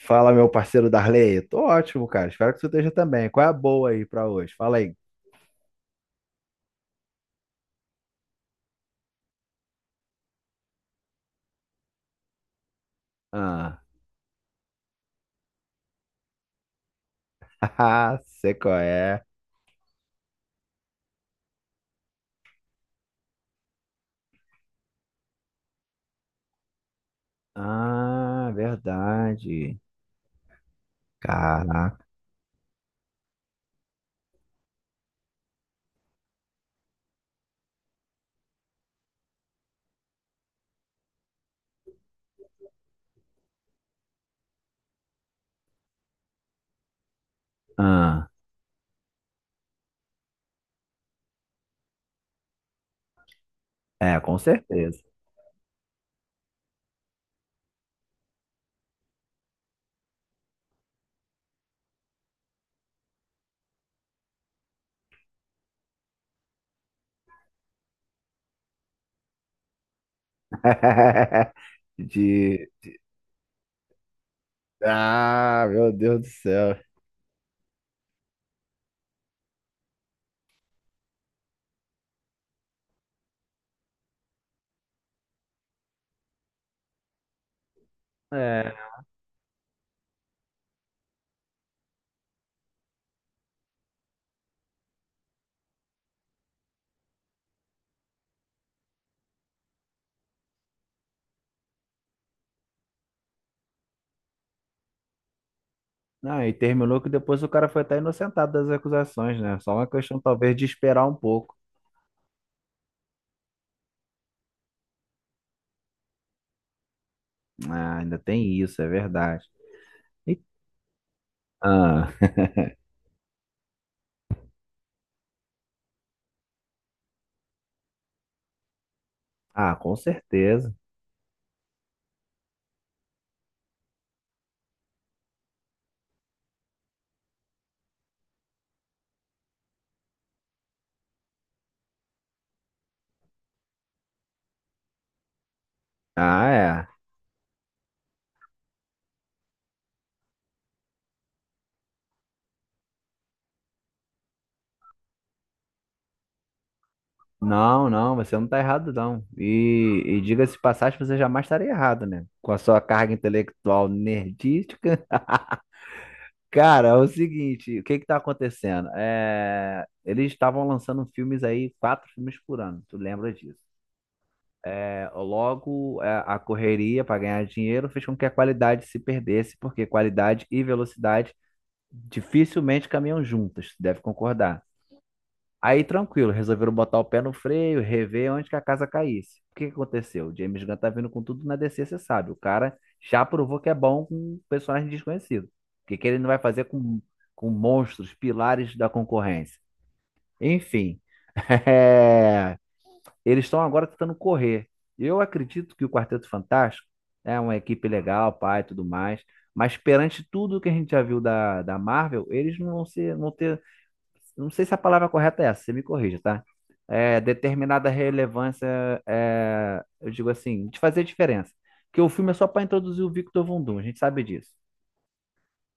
Fala, meu parceiro Darley. Tô ótimo, cara. Espero que você esteja também. Qual é a boa aí pra hoje? Fala aí. Ah, sei qual é. Ah, verdade. Caraca. Ah, é, com certeza. De. Ah, meu Deus do céu. É. Ah, e terminou que depois o cara foi até inocentado das acusações, né? Só uma questão, talvez, de esperar um pouco. Ah, ainda tem isso, é verdade. E- Ah, ah, com certeza. Ah, é. Não, não, você não tá errado, não. E diga-se de passagem, você jamais estaria errado, né? Com a sua carga intelectual nerdística. Cara, é o seguinte, o que que tá acontecendo? É, eles estavam lançando filmes aí, quatro filmes por ano, tu lembra disso? É, logo, é, a correria para ganhar dinheiro fez com que a qualidade se perdesse, porque qualidade e velocidade dificilmente caminham juntas, deve concordar. Aí tranquilo, resolveram botar o pé no freio, rever onde que a casa caísse. O que que aconteceu? O James Gunn tá vindo com tudo na DC, você sabe. O cara já provou que é bom com personagem desconhecido. O que que ele não vai fazer com monstros, pilares da concorrência? Enfim, é, eles estão agora tentando correr. Eu acredito que o Quarteto Fantástico é uma equipe legal, pai, tudo mais. Mas perante tudo que a gente já viu da Marvel, eles não vão ser, não ter não sei se a palavra correta é essa, você me corrija, tá? É, determinada relevância, é, eu digo assim, de fazer diferença. Porque o filme é só para introduzir o Victor Von Doom, a gente sabe disso.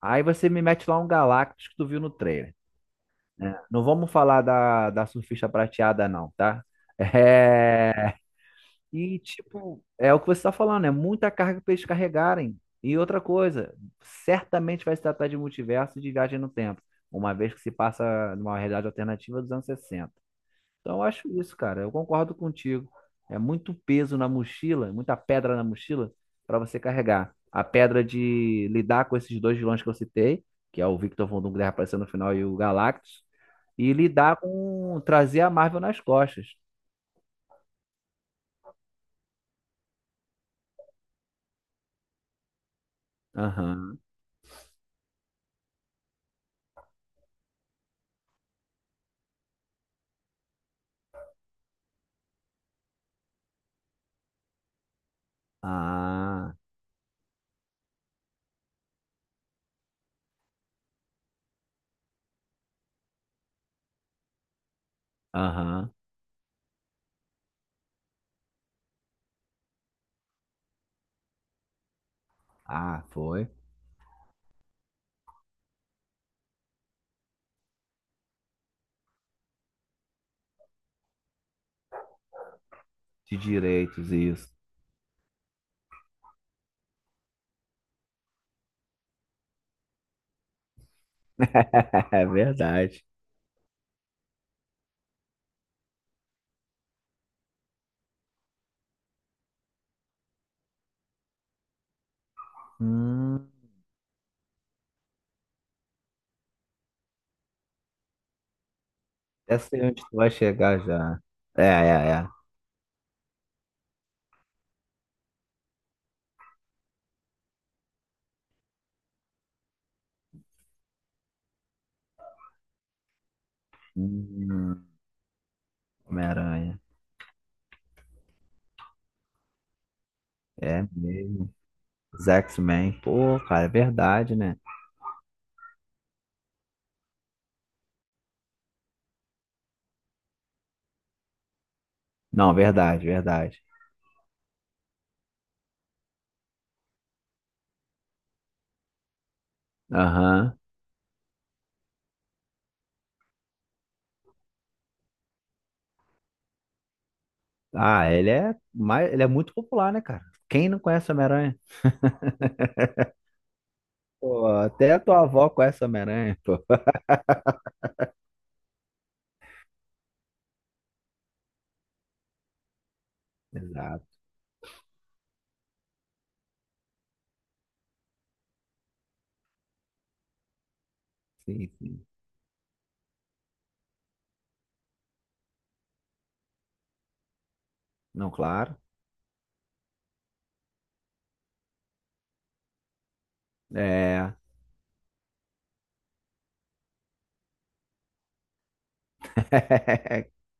Aí você me mete lá um Galactus que tu viu no trailer. Né? Não vamos falar da surfista prateada, não, tá? É, e, tipo, é o que você tá falando, é muita carga para eles carregarem. E outra coisa, certamente vai se tratar de multiverso e de viagem no tempo, uma vez que se passa numa realidade alternativa dos anos 60. Então, eu acho isso, cara. Eu concordo contigo. É muito peso na mochila, muita pedra na mochila para você carregar. A pedra de lidar com esses dois vilões que eu citei, que é o Victor Von Doom que aparecendo no final e o Galactus, e lidar com trazer a Marvel nas costas. Aham. Ah, aham. Ah, foi. De direitos, isso. É verdade. Hum, essa é onde tu vai chegar já. É. Hum, Homem-Aranha. É mesmo. Os X-Men. Pô, cara, é verdade, né? Não, verdade, verdade. Aham. Ah, ele é, mais, ele é muito popular, né, cara? Quem não conhece Homem-Aranha? Pô, até a tua avó conhece Homem-Aranha, pô. Exato. Sim, sim. Não, claro. É.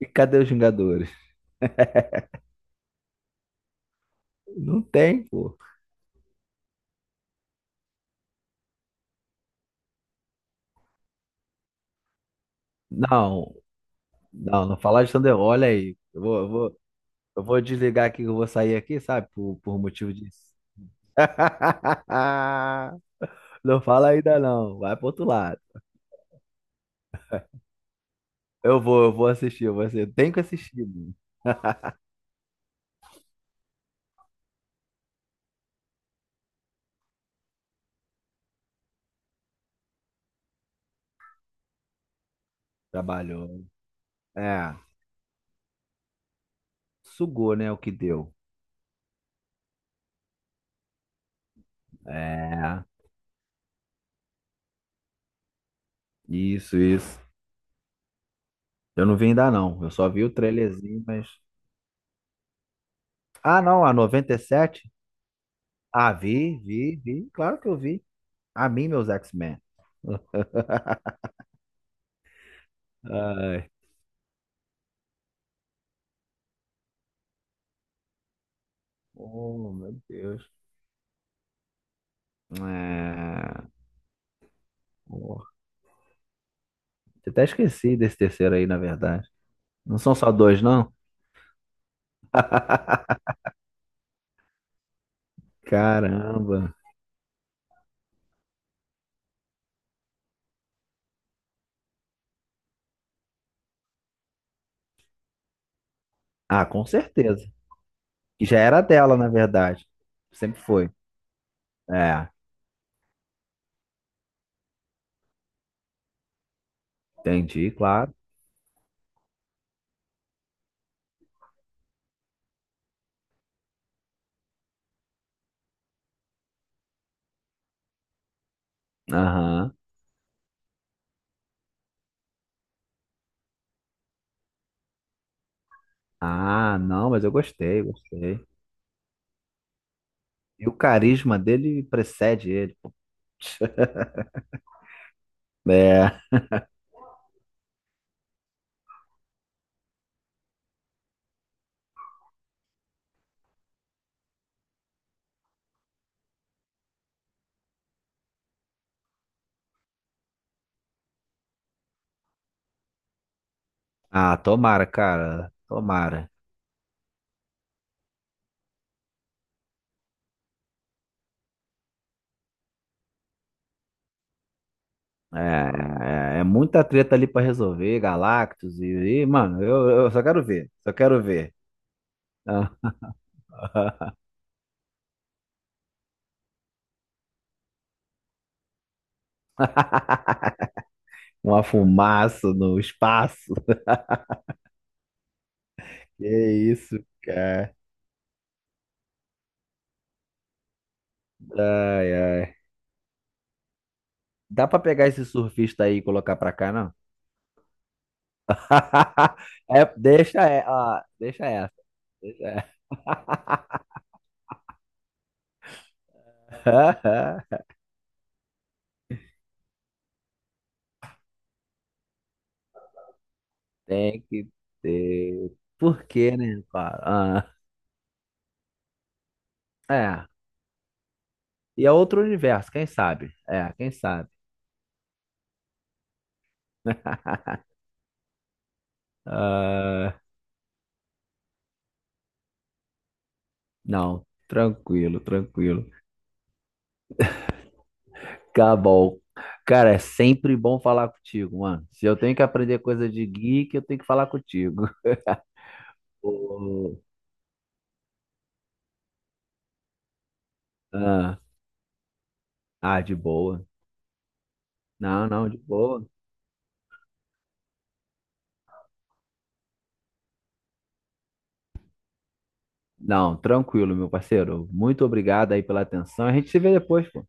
E cadê os Vingadores? Não tem, pô. Não, não, não falar de Thunder. Olha aí. Eu vou desligar aqui, que eu vou sair aqui, sabe? Por motivo disso. Não fala ainda não. Vai pro outro lado. Eu vou assistir. Eu vou Você tem que assistir, mano. Trabalhou. É. Sugou, né? O que deu. É. Isso, isso. Eu não vi ainda não. Eu só vi o trailerzinho, mas. Ah, não. A 97. Ah, vi, vi, vi. Claro que eu vi. A mim, meus X-Men. Ai. Oh, meu Deus. É. Oh, até esqueci desse terceiro aí, na verdade. Não são só dois, não? Caramba. Ah, com certeza. Já era dela, na verdade. Sempre foi. É, entendi, claro. Aham. Ah, não, mas eu gostei, gostei. E o carisma dele precede ele. Poxa. É. Ah, tomara, cara. Tomara. É muita treta ali pra resolver, Galactus e, mano, eu só quero ver, só quero ver. Ah, uma fumaça no espaço. Que isso, cara. Ai, ai. Dá pra pegar esse surfista aí e colocar pra cá, não? É, deixa, é, ó, deixa essa. Deixa essa. Tem que ter. Por quê, né, cara? Ah, é. E é outro universo, quem sabe? É, quem sabe? Ah, não, tranquilo, tranquilo. Tá bom. Cara, é sempre bom falar contigo, mano. Se eu tenho que aprender coisa de geek, eu tenho que falar contigo. Ô, ah, ah, de boa. Não, não, de boa. Não, tranquilo, meu parceiro. Muito obrigado aí pela atenção. A gente se vê depois, pô.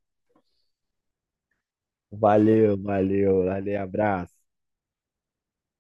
Valeu, valeu, valeu, abraço.